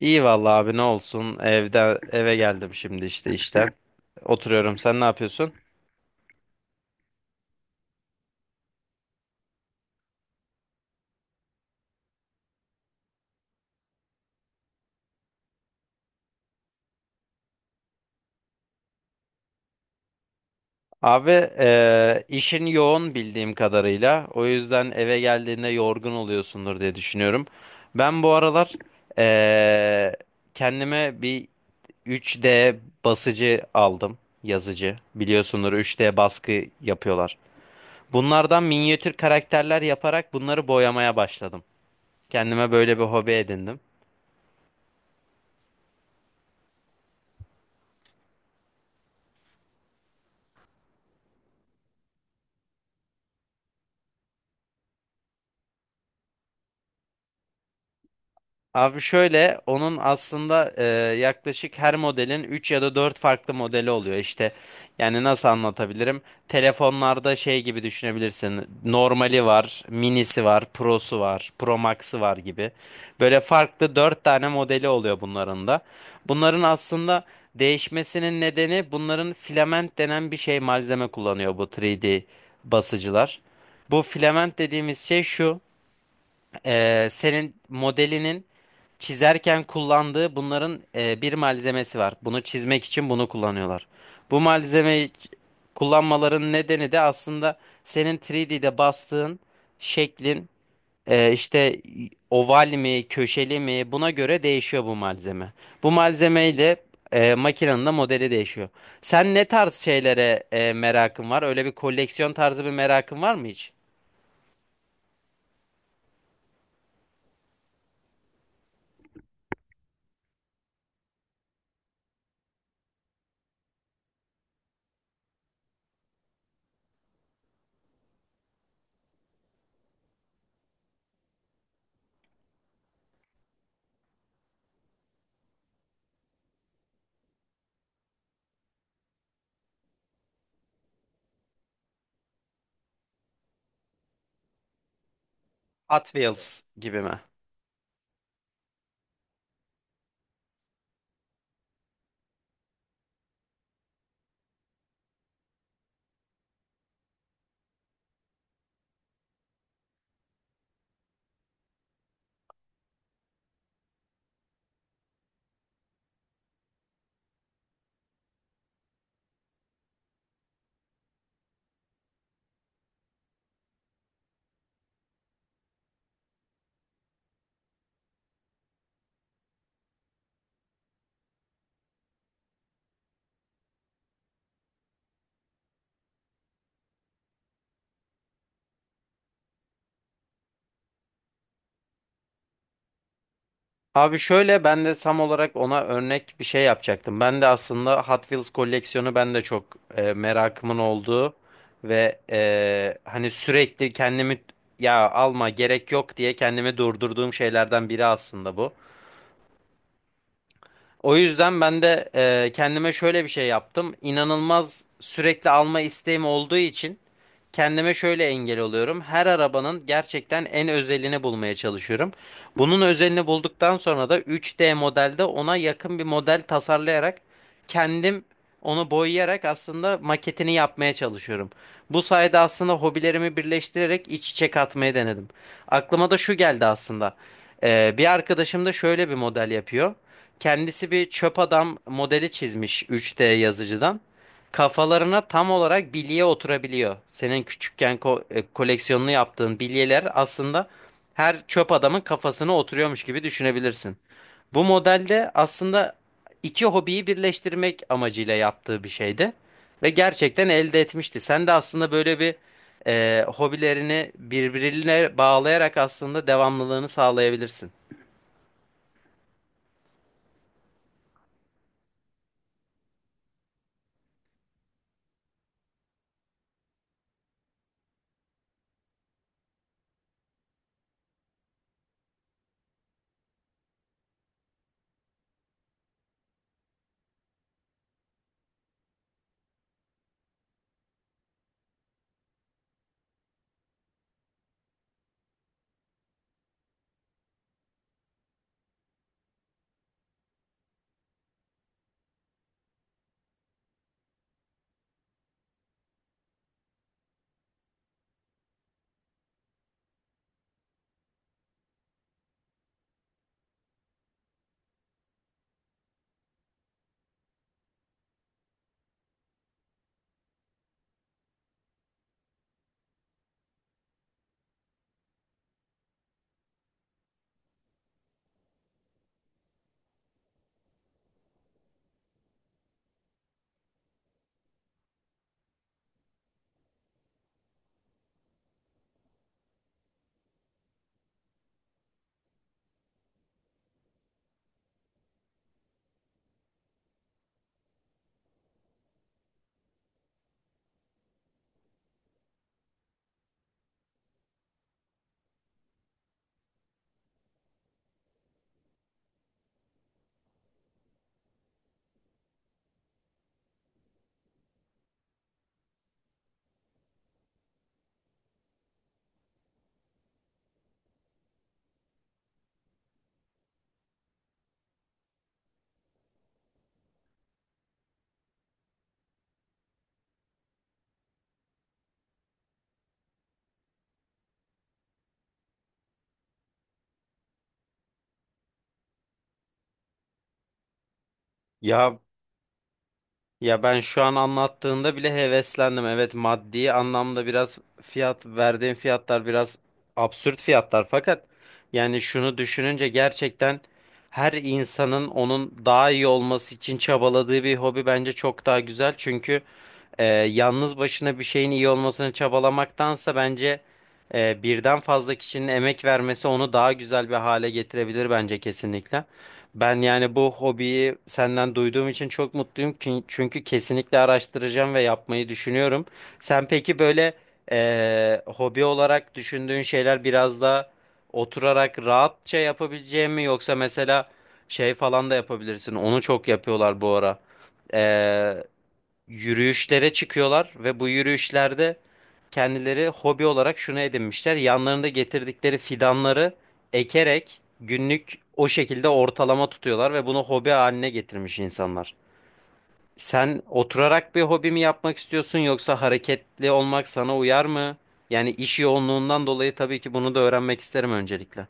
İyi vallahi abi ne olsun. Evden eve geldim şimdi işte işten. Oturuyorum. Sen ne yapıyorsun? Abi işin yoğun bildiğim kadarıyla. O yüzden eve geldiğinde yorgun oluyorsundur diye düşünüyorum. Ben bu aralar eee, kendime bir 3D basıcı aldım. Yazıcı. Biliyorsundur 3D baskı yapıyorlar. Bunlardan minyatür karakterler yaparak bunları boyamaya başladım. Kendime böyle bir hobi edindim. Abi şöyle onun aslında yaklaşık her modelin 3 ya da 4 farklı modeli oluyor. İşte yani nasıl anlatabilirim? Telefonlarda şey gibi düşünebilirsin. Normali var, minisi var, prosu var, pro max'ı var gibi. Böyle farklı 4 tane modeli oluyor bunların da. Bunların aslında değişmesinin nedeni bunların filament denen bir şey malzeme kullanıyor bu 3D basıcılar. Bu filament dediğimiz şey şu. Senin modelinin çizerken kullandığı bunların bir malzemesi var. Bunu çizmek için bunu kullanıyorlar. Bu malzemeyi kullanmaların nedeni de aslında senin 3D'de bastığın şeklin işte oval mi, köşeli mi buna göre değişiyor bu malzeme. Bu malzemeyle makinenin de modeli değişiyor. Sen ne tarz şeylere merakın var? Öyle bir koleksiyon tarzı bir merakın var mı hiç? Hot Wheels gibi mi? Abi şöyle ben de Sam olarak ona örnek bir şey yapacaktım. Ben de aslında Hot Wheels koleksiyonu ben de çok merakımın olduğu ve hani sürekli kendimi ya alma gerek yok diye kendimi durdurduğum şeylerden biri aslında bu. O yüzden ben de kendime şöyle bir şey yaptım. İnanılmaz sürekli alma isteğim olduğu için kendime şöyle engel oluyorum. Her arabanın gerçekten en özelini bulmaya çalışıyorum. Bunun özelini bulduktan sonra da 3D modelde ona yakın bir model tasarlayarak kendim onu boyayarak aslında maketini yapmaya çalışıyorum. Bu sayede aslında hobilerimi birleştirerek iç içe katmayı denedim. Aklıma da şu geldi aslında. Bir arkadaşım da şöyle bir model yapıyor. Kendisi bir çöp adam modeli çizmiş 3D yazıcıdan. Kafalarına tam olarak bilye oturabiliyor. Senin küçükken koleksiyonunu yaptığın bilyeler aslında her çöp adamın kafasına oturuyormuş gibi düşünebilirsin. Bu modelde aslında iki hobiyi birleştirmek amacıyla yaptığı bir şeydi ve gerçekten elde etmişti. Sen de aslında böyle bir hobilerini birbirine bağlayarak aslında devamlılığını sağlayabilirsin. Ya Ya, ben şu an anlattığında bile heveslendim. Evet maddi anlamda biraz fiyat verdiğim fiyatlar biraz absürt fiyatlar fakat yani şunu düşününce gerçekten her insanın onun daha iyi olması için çabaladığı bir hobi bence çok daha güzel. Çünkü yalnız başına bir şeyin iyi olmasını çabalamaktansa bence birden fazla kişinin emek vermesi onu daha güzel bir hale getirebilir bence kesinlikle. Ben yani bu hobiyi senden duyduğum için çok mutluyum ki çünkü kesinlikle araştıracağım ve yapmayı düşünüyorum. Sen peki böyle hobi olarak düşündüğün şeyler biraz da oturarak rahatça yapabileceğin mi yoksa mesela şey falan da yapabilirsin. Onu çok yapıyorlar bu ara yürüyüşlere çıkıyorlar ve bu yürüyüşlerde kendileri hobi olarak şunu edinmişler. Yanlarında getirdikleri fidanları ekerek günlük o şekilde ortalama tutuyorlar ve bunu hobi haline getirmiş insanlar. Sen oturarak bir hobi mi yapmak istiyorsun yoksa hareketli olmak sana uyar mı? Yani iş yoğunluğundan dolayı tabii ki bunu da öğrenmek isterim öncelikle.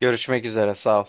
Görüşmek üzere, sağ ol.